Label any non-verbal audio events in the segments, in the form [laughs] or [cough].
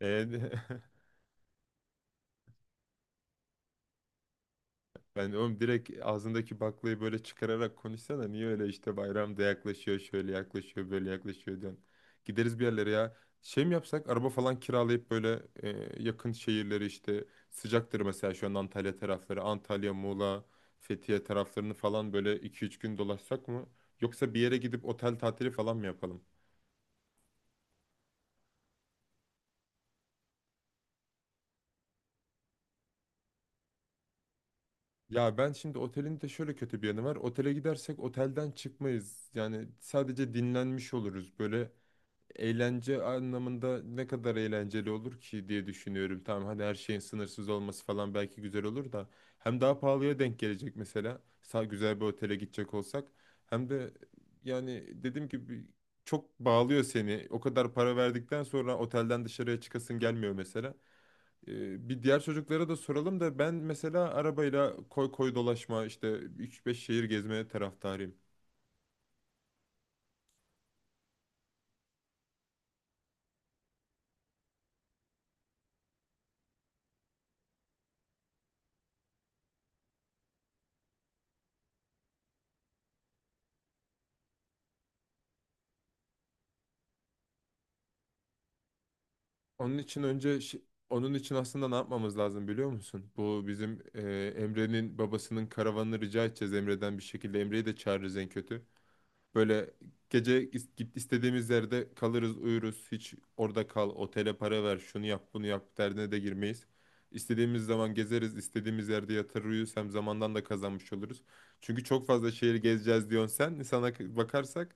Ee, [laughs] ben oğlum direkt ağzındaki baklayı böyle çıkararak konuşsana. Niye öyle işte bayram da yaklaşıyor, şöyle yaklaşıyor, böyle yaklaşıyor diyorsun. Gideriz bir yerlere ya. Şey mi yapsak araba falan kiralayıp böyle yakın şehirleri işte sıcaktır mesela şu an Antalya tarafları. Antalya, Muğla, Fethiye taraflarını falan böyle iki üç gün dolaşsak mı? Yoksa bir yere gidip otel tatili falan mı yapalım? Ya ben şimdi otelin de şöyle kötü bir yanı var. Otele gidersek otelden çıkmayız. Yani sadece dinlenmiş oluruz. Böyle eğlence anlamında ne kadar eğlenceli olur ki diye düşünüyorum. Tamam hadi her şeyin sınırsız olması falan belki güzel olur da hem daha pahalıya denk gelecek mesela. Sağ güzel bir otele gidecek olsak hem de yani dediğim gibi çok bağlıyor seni. O kadar para verdikten sonra otelden dışarıya çıkasın gelmiyor mesela. Bir diğer çocuklara da soralım da ben mesela arabayla koy koy dolaşma işte 3-5 şehir gezmeye taraftarıyım. Onun için önce onun için aslında ne yapmamız lazım biliyor musun? Bu bizim Emre'nin babasının karavanını rica edeceğiz Emre'den bir şekilde. Emre'yi de çağırırız en kötü. Böyle gece is- git istediğimiz yerde kalırız, uyuruz. Hiç orada kal, otele para ver, şunu yap, bunu yap derdine de girmeyiz. İstediğimiz zaman gezeriz, istediğimiz yerde yatar uyuruz. Hem zamandan da kazanmış oluruz. Çünkü çok fazla şehir gezeceğiz diyorsun sen. Sana bakarsak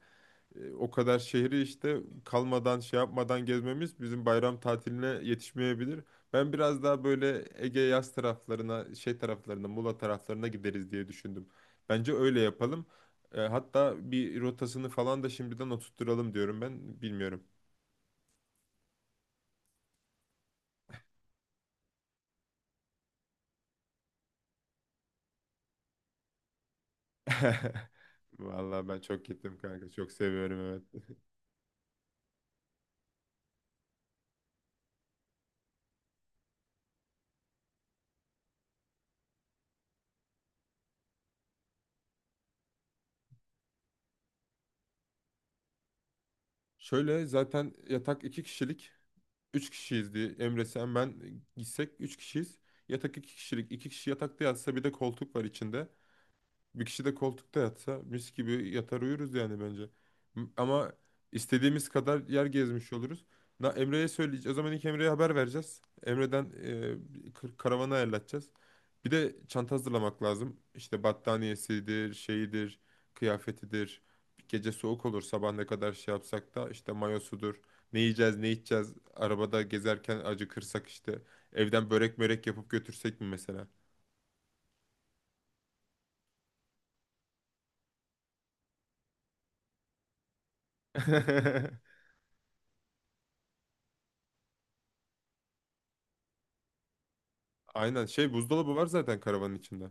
o kadar şehri işte kalmadan şey yapmadan gezmemiz bizim bayram tatiline yetişmeyebilir. Ben biraz daha böyle Ege yaz taraflarına, şey taraflarına, Muğla taraflarına gideriz diye düşündüm. Bence öyle yapalım. Hatta bir rotasını falan da şimdiden oturtturalım diyorum ben. Bilmiyorum. [laughs] Vallahi ben çok gittim kanka. Çok seviyorum evet. Şöyle zaten yatak iki kişilik. Üç kişiyiz diye Emre sen ben gitsek üç kişiyiz. Yatak iki kişilik. İki kişi yatakta yatsa bir de koltuk var içinde. Bir kişi de koltukta yatsa mis gibi yatar uyuruz yani bence. Ama istediğimiz kadar yer gezmiş oluruz. Na, Emre'ye söyleyeceğiz. O zaman ilk Emre'ye haber vereceğiz. Emre'den karavanı ayarlatacağız. Bir de çanta hazırlamak lazım. İşte battaniyesidir, şeyidir, kıyafetidir. Gece soğuk olur sabah ne kadar şey yapsak da işte mayosudur. Ne yiyeceğiz, ne içeceğiz. Arabada gezerken acıkırsak işte. Evden börek mörek yapıp götürsek mi mesela? [laughs] Aynen şey buzdolabı var zaten karavanın içinde.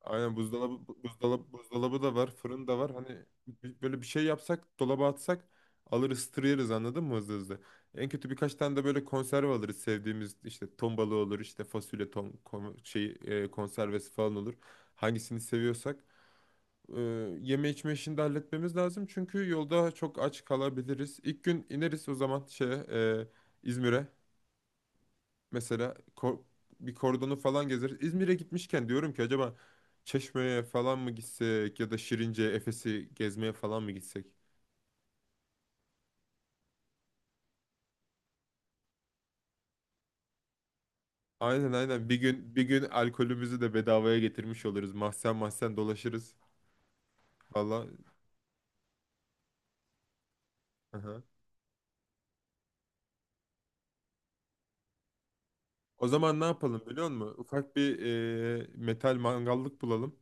Aynen buzdolabı bu- buzdolabı buzdolabı da var, fırın da var. Hani böyle bir şey yapsak, dolaba atsak alır ısıtır yeriz anladın mı hızlı hızlı. En kötü birkaç tane de böyle konserve alırız sevdiğimiz işte ton balığı olur, işte fasulye ton kon- şey e, konservesi falan olur. Hangisini seviyorsak. E, Yeme içme işini de halletmemiz lazım çünkü yolda çok aç kalabiliriz. İlk gün ineriz o zaman İzmir'e. Mesela bir kordonu falan gezeriz. İzmir'e gitmişken diyorum ki acaba Çeşme'ye falan mı gitsek ya da Şirince, Efes'i gezmeye falan mı gitsek? Aynen, aynen. Bir gün, bir gün alkolümüzü de bedavaya getirmiş oluruz. Mahzen mahzen dolaşırız. Valla. Aha. O zaman ne yapalım biliyor musun? Ufak bir metal mangallık bulalım.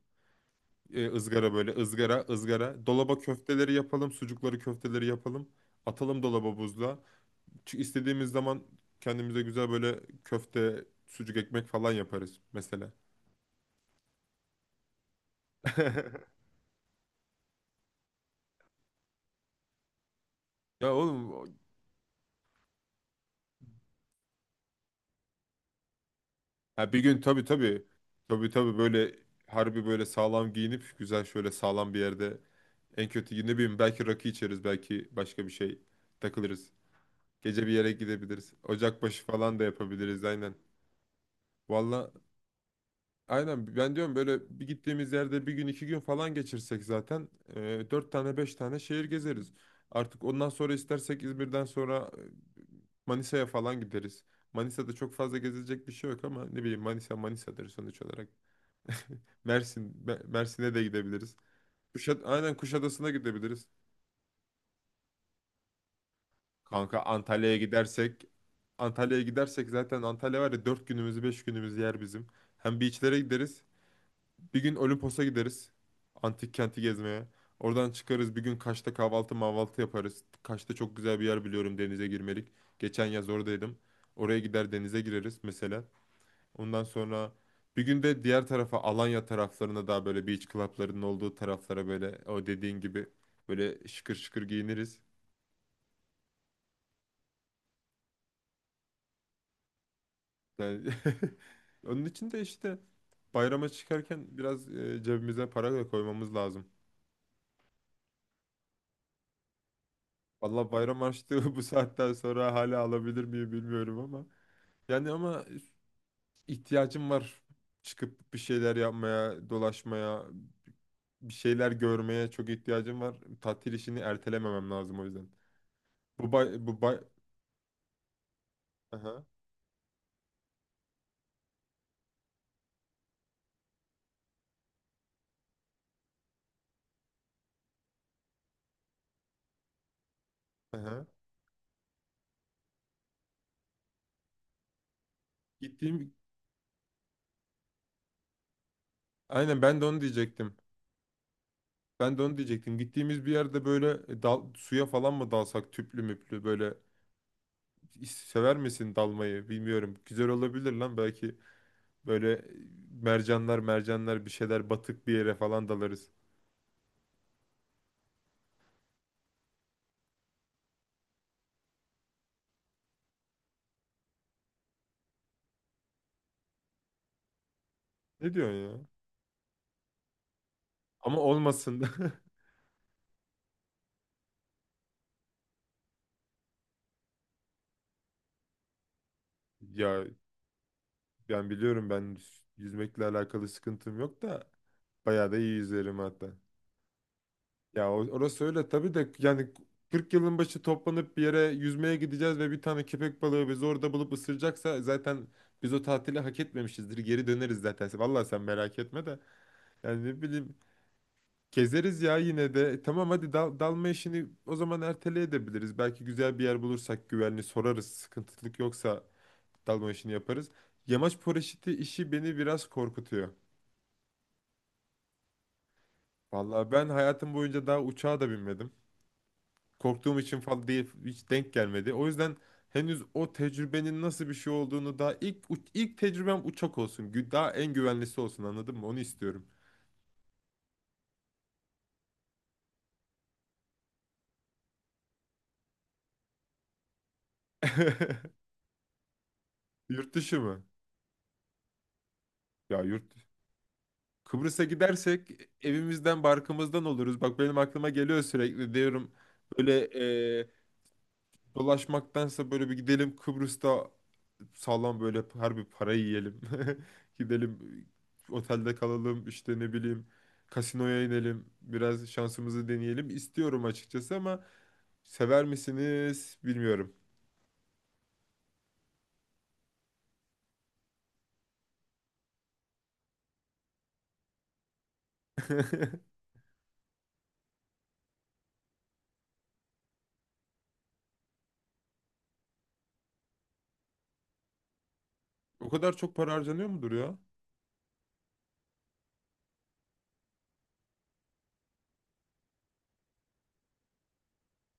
E, ızgara böyle ızgara ızgara. Dolaba köfteleri yapalım. Sucukları köfteleri yapalım. Atalım dolaba buzluğa. Çünkü istediğimiz zaman kendimize güzel böyle köfte, sucuk ekmek falan yaparız mesela. [laughs] Ya oğlum ha bir gün, tabii tabii, tabii tabii böyle harbi böyle sağlam giyinip güzel şöyle sağlam bir yerde en kötü ne bileyim belki rakı içeriz belki başka bir şey takılırız. Gece bir yere gidebiliriz. Ocakbaşı falan da yapabiliriz aynen. Valla, aynen ben diyorum böyle bir gittiğimiz yerde bir gün iki gün falan geçirsek zaten dört tane beş tane şehir gezeriz. Artık ondan sonra istersek İzmir'den sonra Manisa'ya falan gideriz. Manisa'da çok fazla gezilecek bir şey yok ama ne bileyim Manisa Manisa'dır sonuç olarak. [laughs] Mersin'e de gidebiliriz. Aynen Kuşadası'na gidebiliriz. Kanka Antalya'ya gidersek, zaten Antalya var ya dört günümüzü beş günümüzü yer bizim. Hem beachlere gideriz. Bir gün Olimpos'a gideriz. Antik kenti gezmeye. Oradan çıkarız bir gün Kaş'ta kahvaltı mahvaltı yaparız. Kaş'ta çok güzel bir yer biliyorum denize girmelik. Geçen yaz oradaydım. Oraya gider denize gireriz mesela. Ondan sonra bir gün de diğer tarafa Alanya taraflarına daha böyle beach club'larının olduğu taraflara böyle o dediğin gibi böyle şıkır şıkır giyiniriz. Yani [laughs] onun için de işte bayrama çıkarken biraz cebimize para da koymamız lazım. Valla bayram harçlığı [laughs] bu saatten sonra hala alabilir miyim bilmiyorum ama. Yani ama ihtiyacım var. Çıkıp bir şeyler yapmaya, dolaşmaya, bir şeyler görmeye çok ihtiyacım var. Tatil işini ertelememem lazım o yüzden. Bu bay, bu bay... Aha, aha. Gittiğim... Aynen ben de onu diyecektim. Ben de onu diyecektim. Gittiğimiz bir yerde böyle suya falan mı dalsak tüplü müplü böyle sever misin dalmayı bilmiyorum. Güzel olabilir lan belki. Böyle mercanlar mercanlar bir şeyler batık bir yere falan dalarız. Ne diyorsun ya? Ama olmasın da. [laughs] Ya ben biliyorum, ben yüzmekle alakalı sıkıntım yok da bayağı da iyi yüzerim hatta. Ya orası öyle tabii de yani 40 yılın başı toplanıp bir yere yüzmeye gideceğiz ve bir tane köpek balığı bizi orada bulup ısıracaksa zaten biz o tatili hak etmemişizdir. Geri döneriz zaten. Vallahi sen merak etme de. Yani ne bileyim gezeriz ya yine de. E, tamam hadi dalma işini o zaman ertele edebiliriz. Belki güzel bir yer bulursak güvenli sorarız. Sıkıntılık yoksa dalma işini yaparız. Yamaç paraşütü işi beni biraz korkutuyor. Vallahi ben hayatım boyunca daha uçağa da binmedim. Korktuğum için falan değil hiç denk gelmedi. O yüzden henüz o tecrübenin nasıl bir şey olduğunu daha ilk ilk tecrübem uçak olsun. Daha en güvenlisi olsun anladın mı? Onu istiyorum. [laughs] Yurt dışı mı? Ya yurt Kıbrıs'a gidersek evimizden barkımızdan oluruz. Bak benim aklıma geliyor sürekli diyorum böyle e, dolaşmaktansa böyle bir gidelim Kıbrıs'ta sağlam böyle harbi para yiyelim. [laughs] Gidelim otelde kalalım işte ne bileyim kasinoya inelim biraz şansımızı deneyelim istiyorum açıkçası ama sever misiniz bilmiyorum. [laughs] O kadar çok para harcanıyor mudur ya?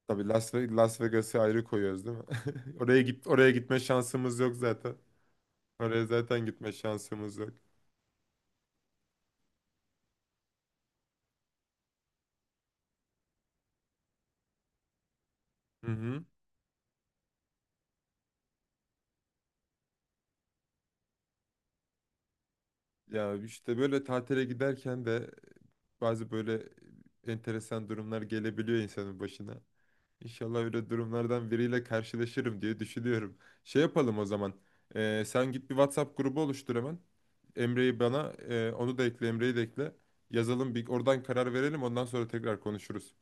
Tabii Las Vegas'ı ayrı koyuyoruz değil mi? [laughs] Oraya gitme şansımız yok zaten. Oraya zaten gitme şansımız yok. Hı hı. Ya işte böyle tatile giderken de bazı böyle enteresan durumlar gelebiliyor insanın başına. İnşallah öyle durumlardan biriyle karşılaşırım diye düşünüyorum. Şey yapalım o zaman. Sen git bir WhatsApp grubu oluştur hemen. Emre'yi bana, onu da ekle, Emre'yi de ekle. Yazalım bir oradan karar verelim. Ondan sonra tekrar konuşuruz.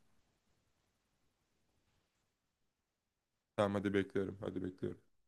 Tamam hadi bekliyorum. Hadi bekliyorum.